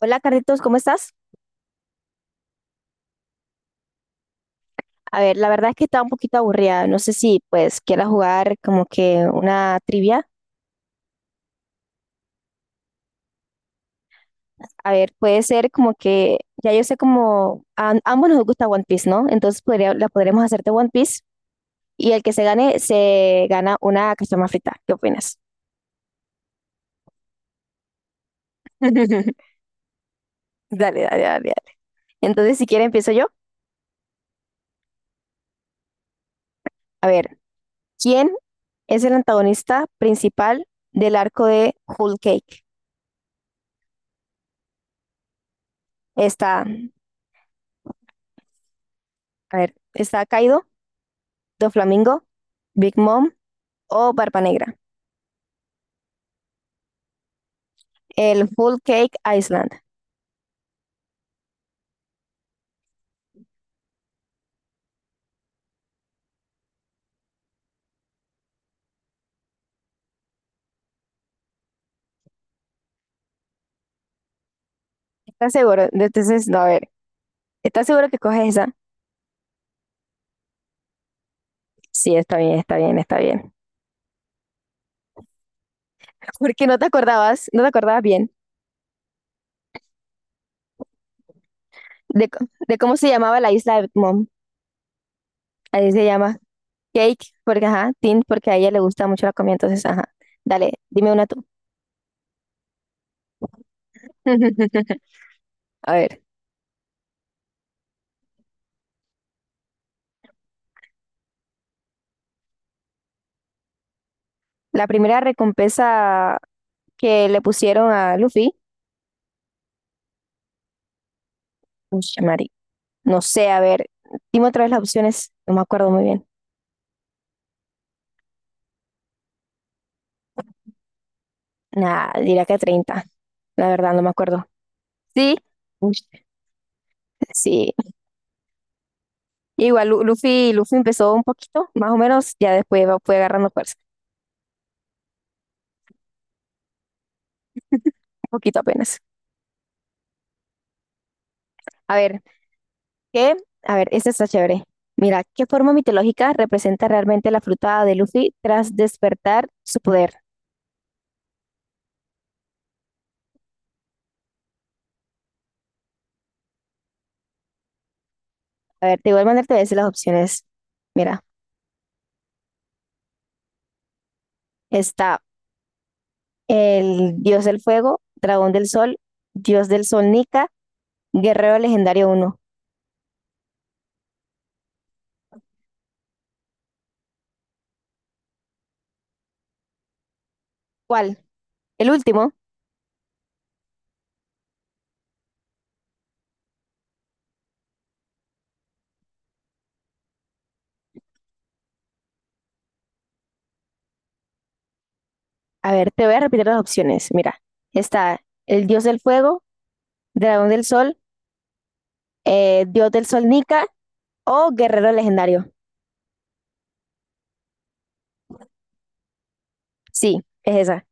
Hola, Carlitos, ¿cómo estás? A ver, la verdad es que estaba un poquito aburrida. No sé si pues quieras jugar como que una trivia. A ver, puede ser como que ya yo sé como a ambos nos gusta One Piece, ¿no? Entonces la podremos hacer de One Piece y el que se gane se gana una cachama frita. ¿Qué opinas? Dale, dale, dale, dale. Entonces, si quiere empiezo yo. A ver, ¿quién es el antagonista principal del arco de Whole Cake? Está, a ver, está Kaido, Doflamingo, Big Mom o Barba Negra. El Full Cake Island. ¿Estás seguro? Entonces, no, a ver. ¿Estás seguro que coges esa? Sí, está bien, está bien, está bien. Porque no te acordabas, no te acordabas bien de, de cómo se llamaba la isla de Mom. Ahí se llama Cake, porque ajá, Tin, porque a ella le gusta mucho la comida, entonces ajá. Dale, dime una tú. A ver, la primera recompensa que le pusieron a Luffy, ush, Mari, no sé, a ver, dime otra vez las opciones, no me acuerdo muy bien. Nada, diría que treinta. La verdad, no me acuerdo. Sí. Uy. Sí. Igual Luffy empezó un poquito, más o menos, ya después fue agarrando fuerza, un poquito apenas. A ver, ¿qué? A ver, esta está chévere. Mira, ¿qué forma mitológica representa realmente la fruta de Luffy tras despertar su poder? A ver, de igual manera te voy a decir las opciones. Mira, está el dios del fuego, dragón del sol, dios del sol Nika, guerrero legendario uno. ¿Cuál? El último. A ver, te voy a repetir las opciones. Mira, está el dios del fuego, dragón del sol, dios del sol Nika o guerrero legendario. Sí, es esa.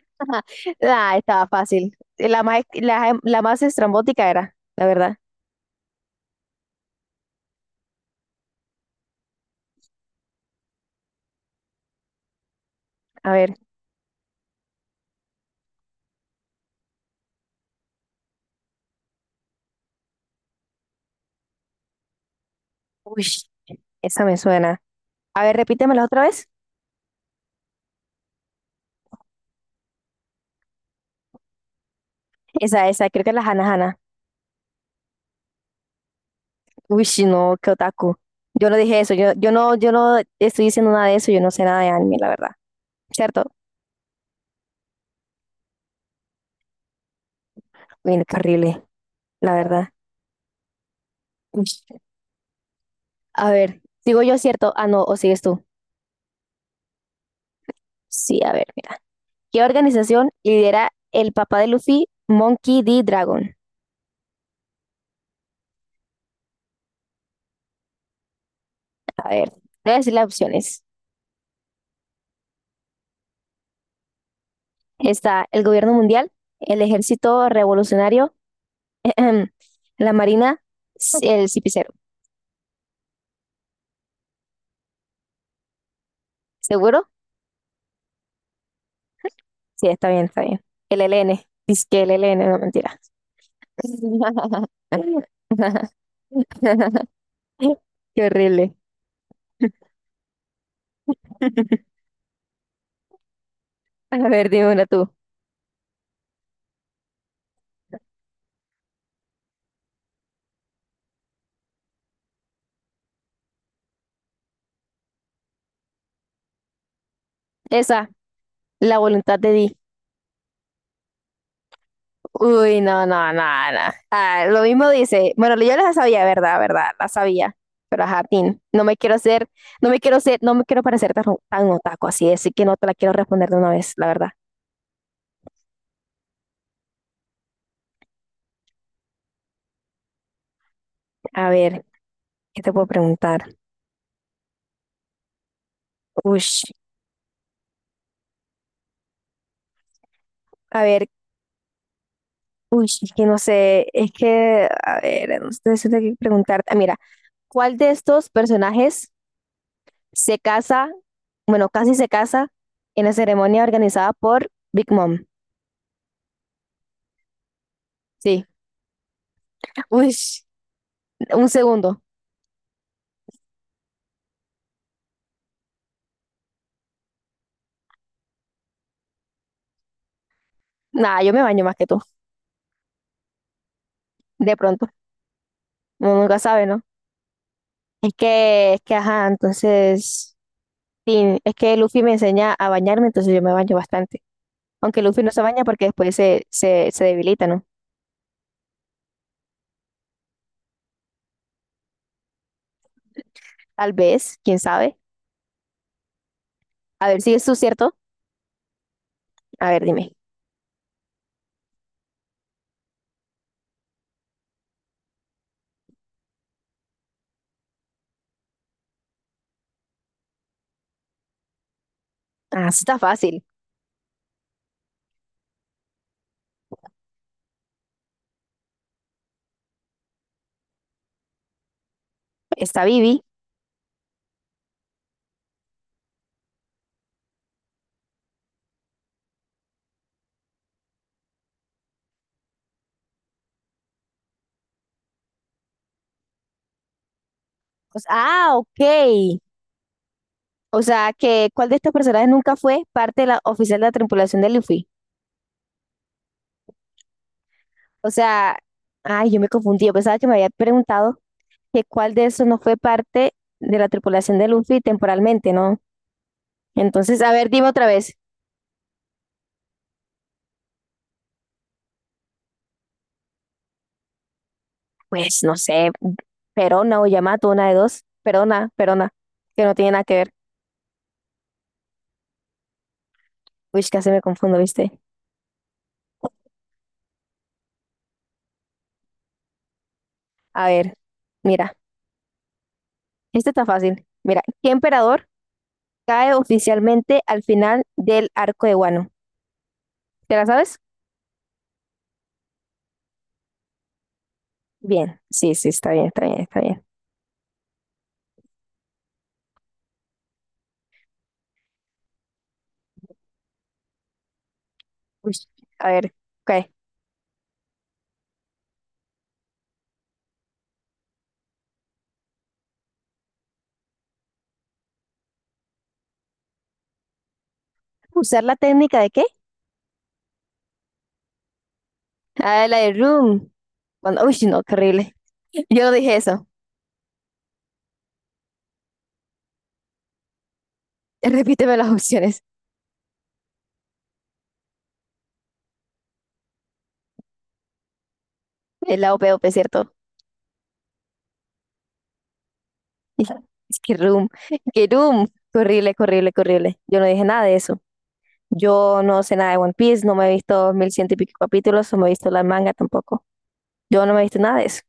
Ah, estaba fácil. La más estrambótica era, la verdad. A ver, uy, esa me suena. A ver, repítemela otra vez. Esa, creo que es la Hana Hana. Uy, no, qué otaku. Yo no dije eso, yo no estoy diciendo nada de eso, yo no sé nada de anime, la verdad. ¿Cierto? Uy, qué horrible, la verdad. Uy. A ver, digo yo cierto. Ah, no, o sigues tú. Sí, a ver, mira. ¿Qué organización lidera el papá de Luffy, Monkey D. Dragon? A ver, voy a decir las opciones. Está el gobierno mundial, el ejército revolucionario, la marina, el cipicero. ¿Seguro? Sí, está bien, está bien. El L N. Dice que el L LN, no mentira. Qué horrible. A ver, dime una tú. Esa, la voluntad de Di. Uy, no, no, no, no. Ah, lo mismo dice, bueno, yo la sabía, ¿verdad? ¿Verdad? La sabía. Pero ajá, Tin, no me quiero ser, no me quiero parecer tan, tan otaku así, así que no te la quiero responder de una vez, la verdad. A ver, ¿qué te puedo preguntar? Uy, a ver, uy, es que no sé, es que, a ver, no sé, siento que preguntarte. Ah, mira, ¿cuál de estos personajes se casa, bueno, casi se casa en la ceremonia organizada por Big Mom? Sí, uy, un segundo. Nada, yo me baño más que tú, de pronto. Uno nunca sabe, ¿no? Ajá, entonces, sí, es que Luffy me enseña a bañarme, entonces yo me baño bastante. Aunque Luffy no se baña porque se debilita, ¿no? Tal vez, quién sabe. A ver si es su cierto. A ver, dime. Ah, sí está fácil. Está Vivi. O sea, ah, ok. O sea, que ¿cuál de estos personajes nunca fue parte de la oficial de la tripulación de Luffy? O sea, ay, yo me confundí. Yo pensaba que me había preguntado que cuál de esos no fue parte de la tripulación de Luffy temporalmente, ¿no? Entonces, a ver, dime otra vez. Pues no sé, Perona o Yamato, una de dos. Perona, Perona, que no tiene nada que ver. Uy, casi me confundo, ¿viste? A ver, mira, este está fácil. Mira, ¿qué emperador cae oficialmente al final del arco de Wano? ¿Te la sabes? Bien, sí, sí, está bien, está bien, está bien. Uy, a ver, ok. ¿Usar la técnica de qué? Ah, la de Room. Cuando, uy, no, qué horrible. Yo no dije eso. Repíteme las opciones. Es la OP, OP, ¿cierto? Es que Room, que Room. Qué horrible, qué horrible, qué horrible. Yo no dije nada de eso. Yo no sé nada de One Piece, no me he visto mil ciento y pico capítulos, no me he visto la manga tampoco. Yo no me he visto nada de eso.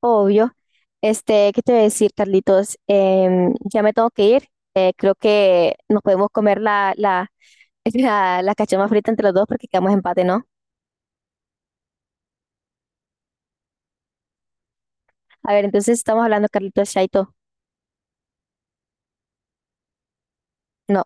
Obvio. Este, ¿qué te voy a decir, Carlitos? Ya me tengo que ir. Creo que nos podemos comer la cachama frita entre los dos porque quedamos empate, ¿no? A ver, entonces estamos hablando, Carlitos, Chaito. No.